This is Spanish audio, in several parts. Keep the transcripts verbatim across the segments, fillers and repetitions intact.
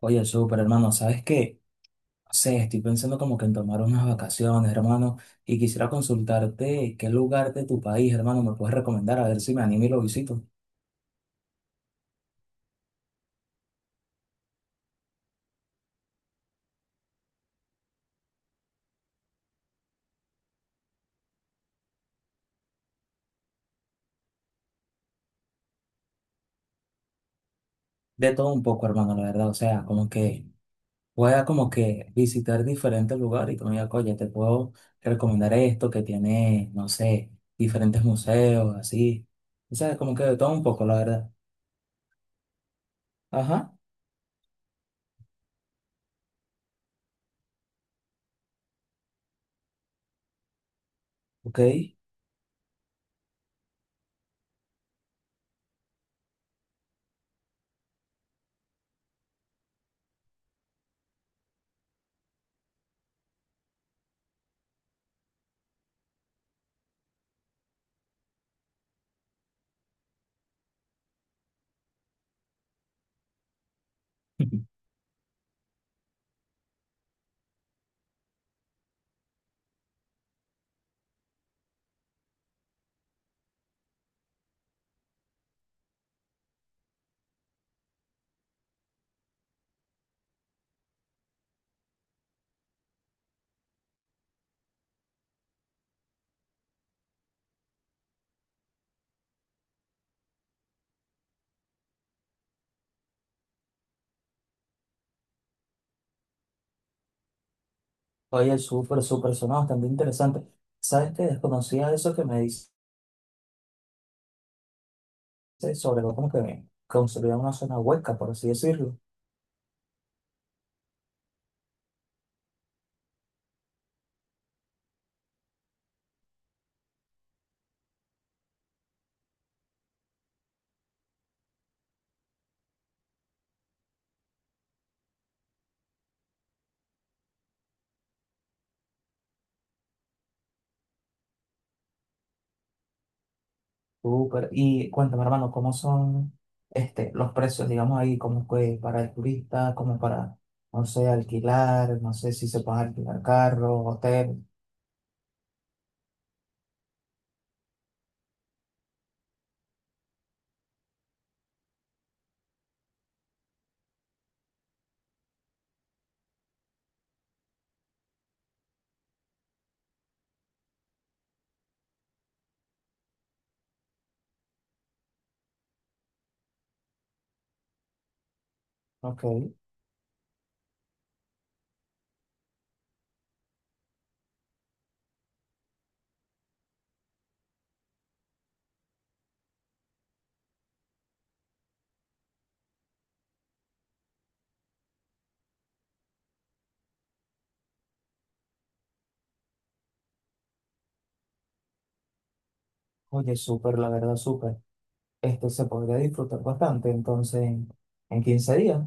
Oye, súper hermano, ¿sabes qué? No sé, estoy pensando como que en tomar unas vacaciones, hermano, y quisiera consultarte qué lugar de tu país, hermano, me puedes recomendar, a ver si me animo y lo visito. De todo un poco, hermano, la verdad, o sea, como que pueda como que visitar diferentes lugares y tú me digas, oye, te puedo recomendar esto que tiene, no sé, diferentes museos, así. O sea, como que de todo un poco, la verdad. Ajá, ok. Oye, súper, súper sonado, bastante interesante. ¿Sabes qué? Desconocía eso que me dices. Se- sobre lo como que construir una zona hueca, por así decirlo. Súper. Y cuéntame, hermano, ¿cómo son este, los precios, digamos ahí, como que para el turista, como para, no sé, alquilar, no sé si se puede alquilar carro, hotel? Ok, oye, súper, la verdad, súper. Este se podría disfrutar bastante, entonces, en quince días.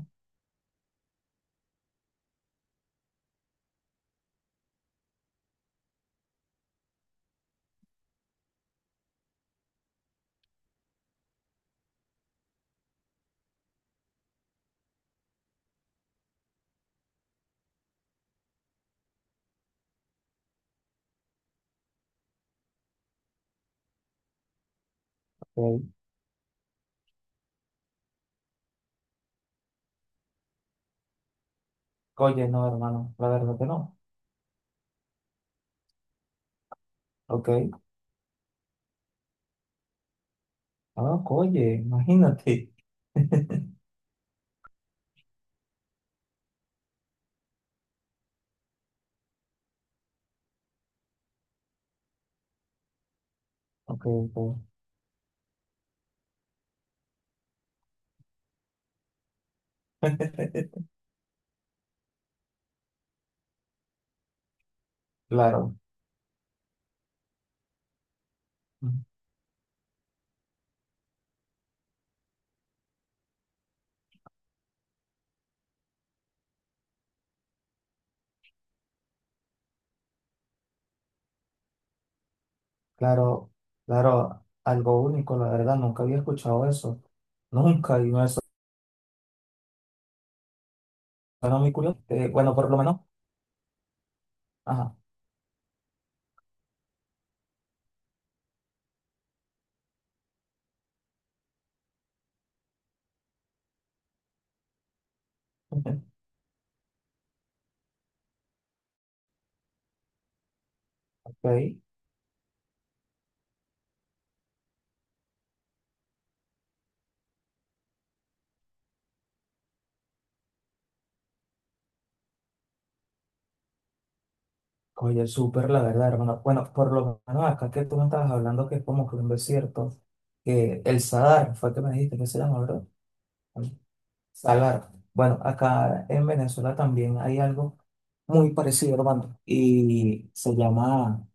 Ok. Oye, no, hermano, la verdad que no. Ok, ah, oye, imagínate. Ok, ok. Claro. Claro, claro, algo único, la verdad, nunca había escuchado eso. Nunca, y me suena muy curioso. Eh, bueno, por lo menos, ajá, ok. Oye, súper, la verdad, hermano. Bueno, por lo menos acá que tú me estabas hablando que es como que un desierto, que el Sadar, fue que me dijiste que se llama, ¿verdad? Salar. Bueno, acá en Venezuela también hay algo muy parecido, hermano, y se llama.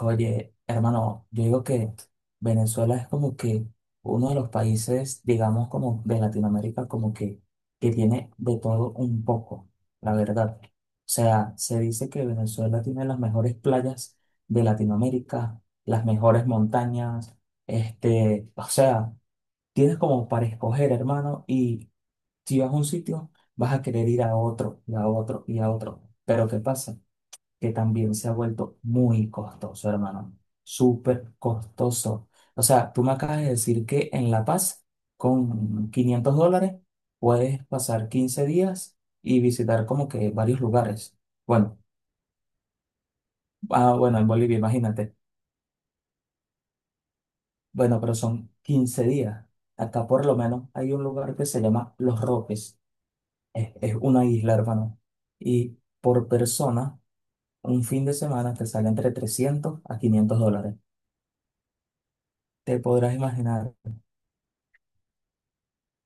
Oye, hermano, yo digo que Venezuela es como que uno de los países, digamos, como de Latinoamérica, como que, que tiene de todo un poco, la verdad. O sea, se dice que Venezuela tiene las mejores playas de Latinoamérica, las mejores montañas, este, o sea, tienes como para escoger, hermano, y si vas a un sitio, vas a querer ir a otro, y a otro, y a otro. Pero ¿qué pasa? Que también se ha vuelto muy costoso, hermano. Súper costoso. O sea, tú me acabas de decir que en La Paz, con quinientos dólares, puedes pasar quince días y visitar como que varios lugares. Bueno, ah, bueno, en Bolivia, imagínate. Bueno, pero son quince días. Acá por lo menos hay un lugar que se llama Los Roques. Es, es una isla, hermano. Y por persona, un fin de semana te sale entre trescientos a quinientos dólares. Te podrás imaginar.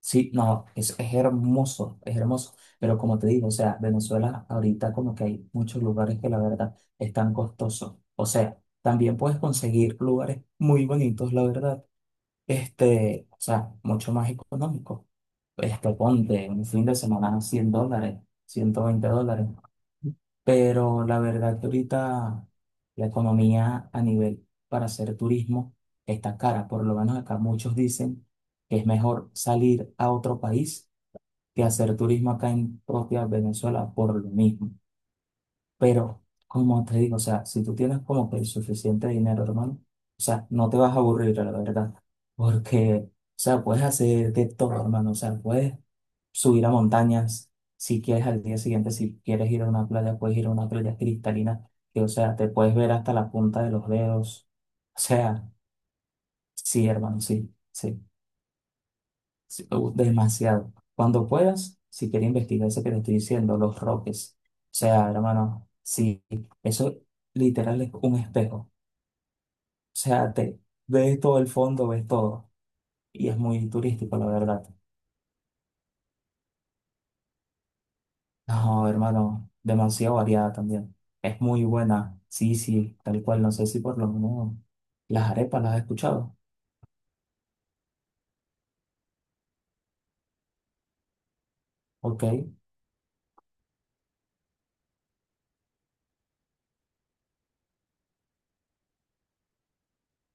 Sí, no, es, es hermoso, es hermoso. Pero como te digo, o sea, Venezuela ahorita como que hay muchos lugares que la verdad están costosos. O sea, también puedes conseguir lugares muy bonitos, la verdad, este, o sea, mucho más económicos. Este, ponte un fin de semana cien dólares, ciento veinte dólares. Pero la verdad que ahorita la economía a nivel para hacer turismo está cara. Por lo menos acá muchos dicen que es mejor salir a otro país que hacer turismo acá en propia Venezuela por lo mismo. Pero, como te digo, o sea, si tú tienes como que el suficiente dinero, hermano, o sea, no te vas a aburrir, la verdad. Porque, o sea, puedes hacer de todo, hermano. O sea, puedes subir a montañas, si quieres al día siguiente, si quieres ir a una playa, puedes ir a una playa cristalina, que o sea, te puedes ver hasta la punta de los dedos. O sea, sí, hermano, sí, sí, sí, uh, demasiado. Cuando puedas, si quieres investigar eso que te estoy diciendo, los roques. O sea, hermano, sí, eso literal es un espejo. O sea, te ves todo el fondo, ves todo. Y es muy turístico, la verdad. No, hermano, demasiado variada también. Es muy buena. Sí, sí, tal cual. No sé si por lo menos las arepas las has escuchado. Ok.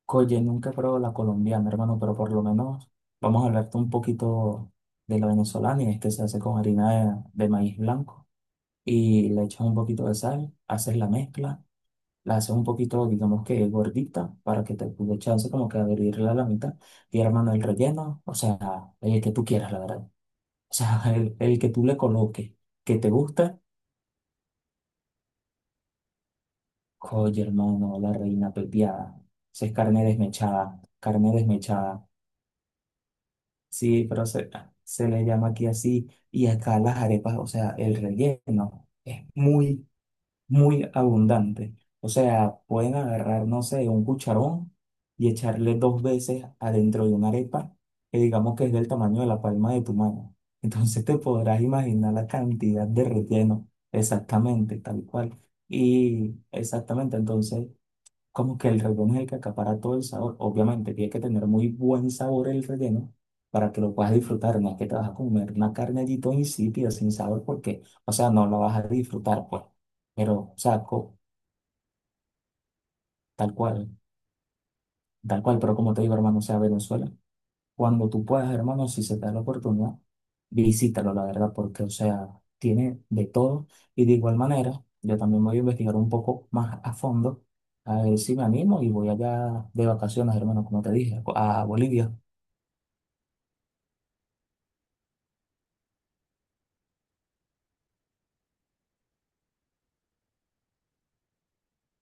Oye, nunca he probado la colombiana, hermano, pero por lo menos vamos a hablarte un poquito de la venezolana y es que se hace con harina de, de maíz blanco y le echas un poquito de sal, haces la mezcla, la haces un poquito, digamos que gordita para que te dé chance como que abrirla a la mitad y hermano el relleno, o sea, el que tú quieras, la verdad. O sea, el, el que tú le coloques, que te gusta, oye, hermano, la reina pepiada. Esa es carne desmechada, carne desmechada. Sí, pero se, se le llama aquí así. Y acá las arepas, o sea, el relleno es muy muy abundante. O sea, pueden agarrar, no sé, un cucharón y echarle dos veces adentro de una arepa que digamos que es del tamaño de la palma de tu mano. Entonces te podrás imaginar la cantidad de relleno, exactamente, tal cual. Y exactamente, entonces como que el relleno es el que acapara todo el sabor. Obviamente, tiene que tener muy buen sabor el relleno para que lo puedas disfrutar. No es que te vas a comer una carne allí toda insípida, sin sabor, porque, o sea, no la vas a disfrutar, pues. Pero, o sea, co- tal cual, tal cual. Pero como te digo, hermano, o sea, Venezuela, cuando tú puedas, hermano, si se te da la oportunidad, visítalo, la verdad, porque, o sea, tiene de todo. Y de igual manera, yo también voy a investigar un poco más a fondo. A ver si me animo y voy allá de vacaciones, hermano, como te dije, a Bolivia.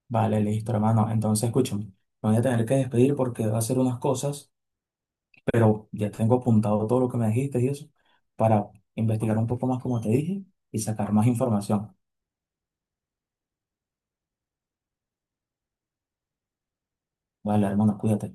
Vale, listo, hermano. Entonces, escúchame, me voy a tener que despedir porque voy a hacer unas cosas, pero ya tengo apuntado todo lo que me dijiste y eso para investigar un poco más, como te dije, y sacar más información. Vale, hermano, cuídate.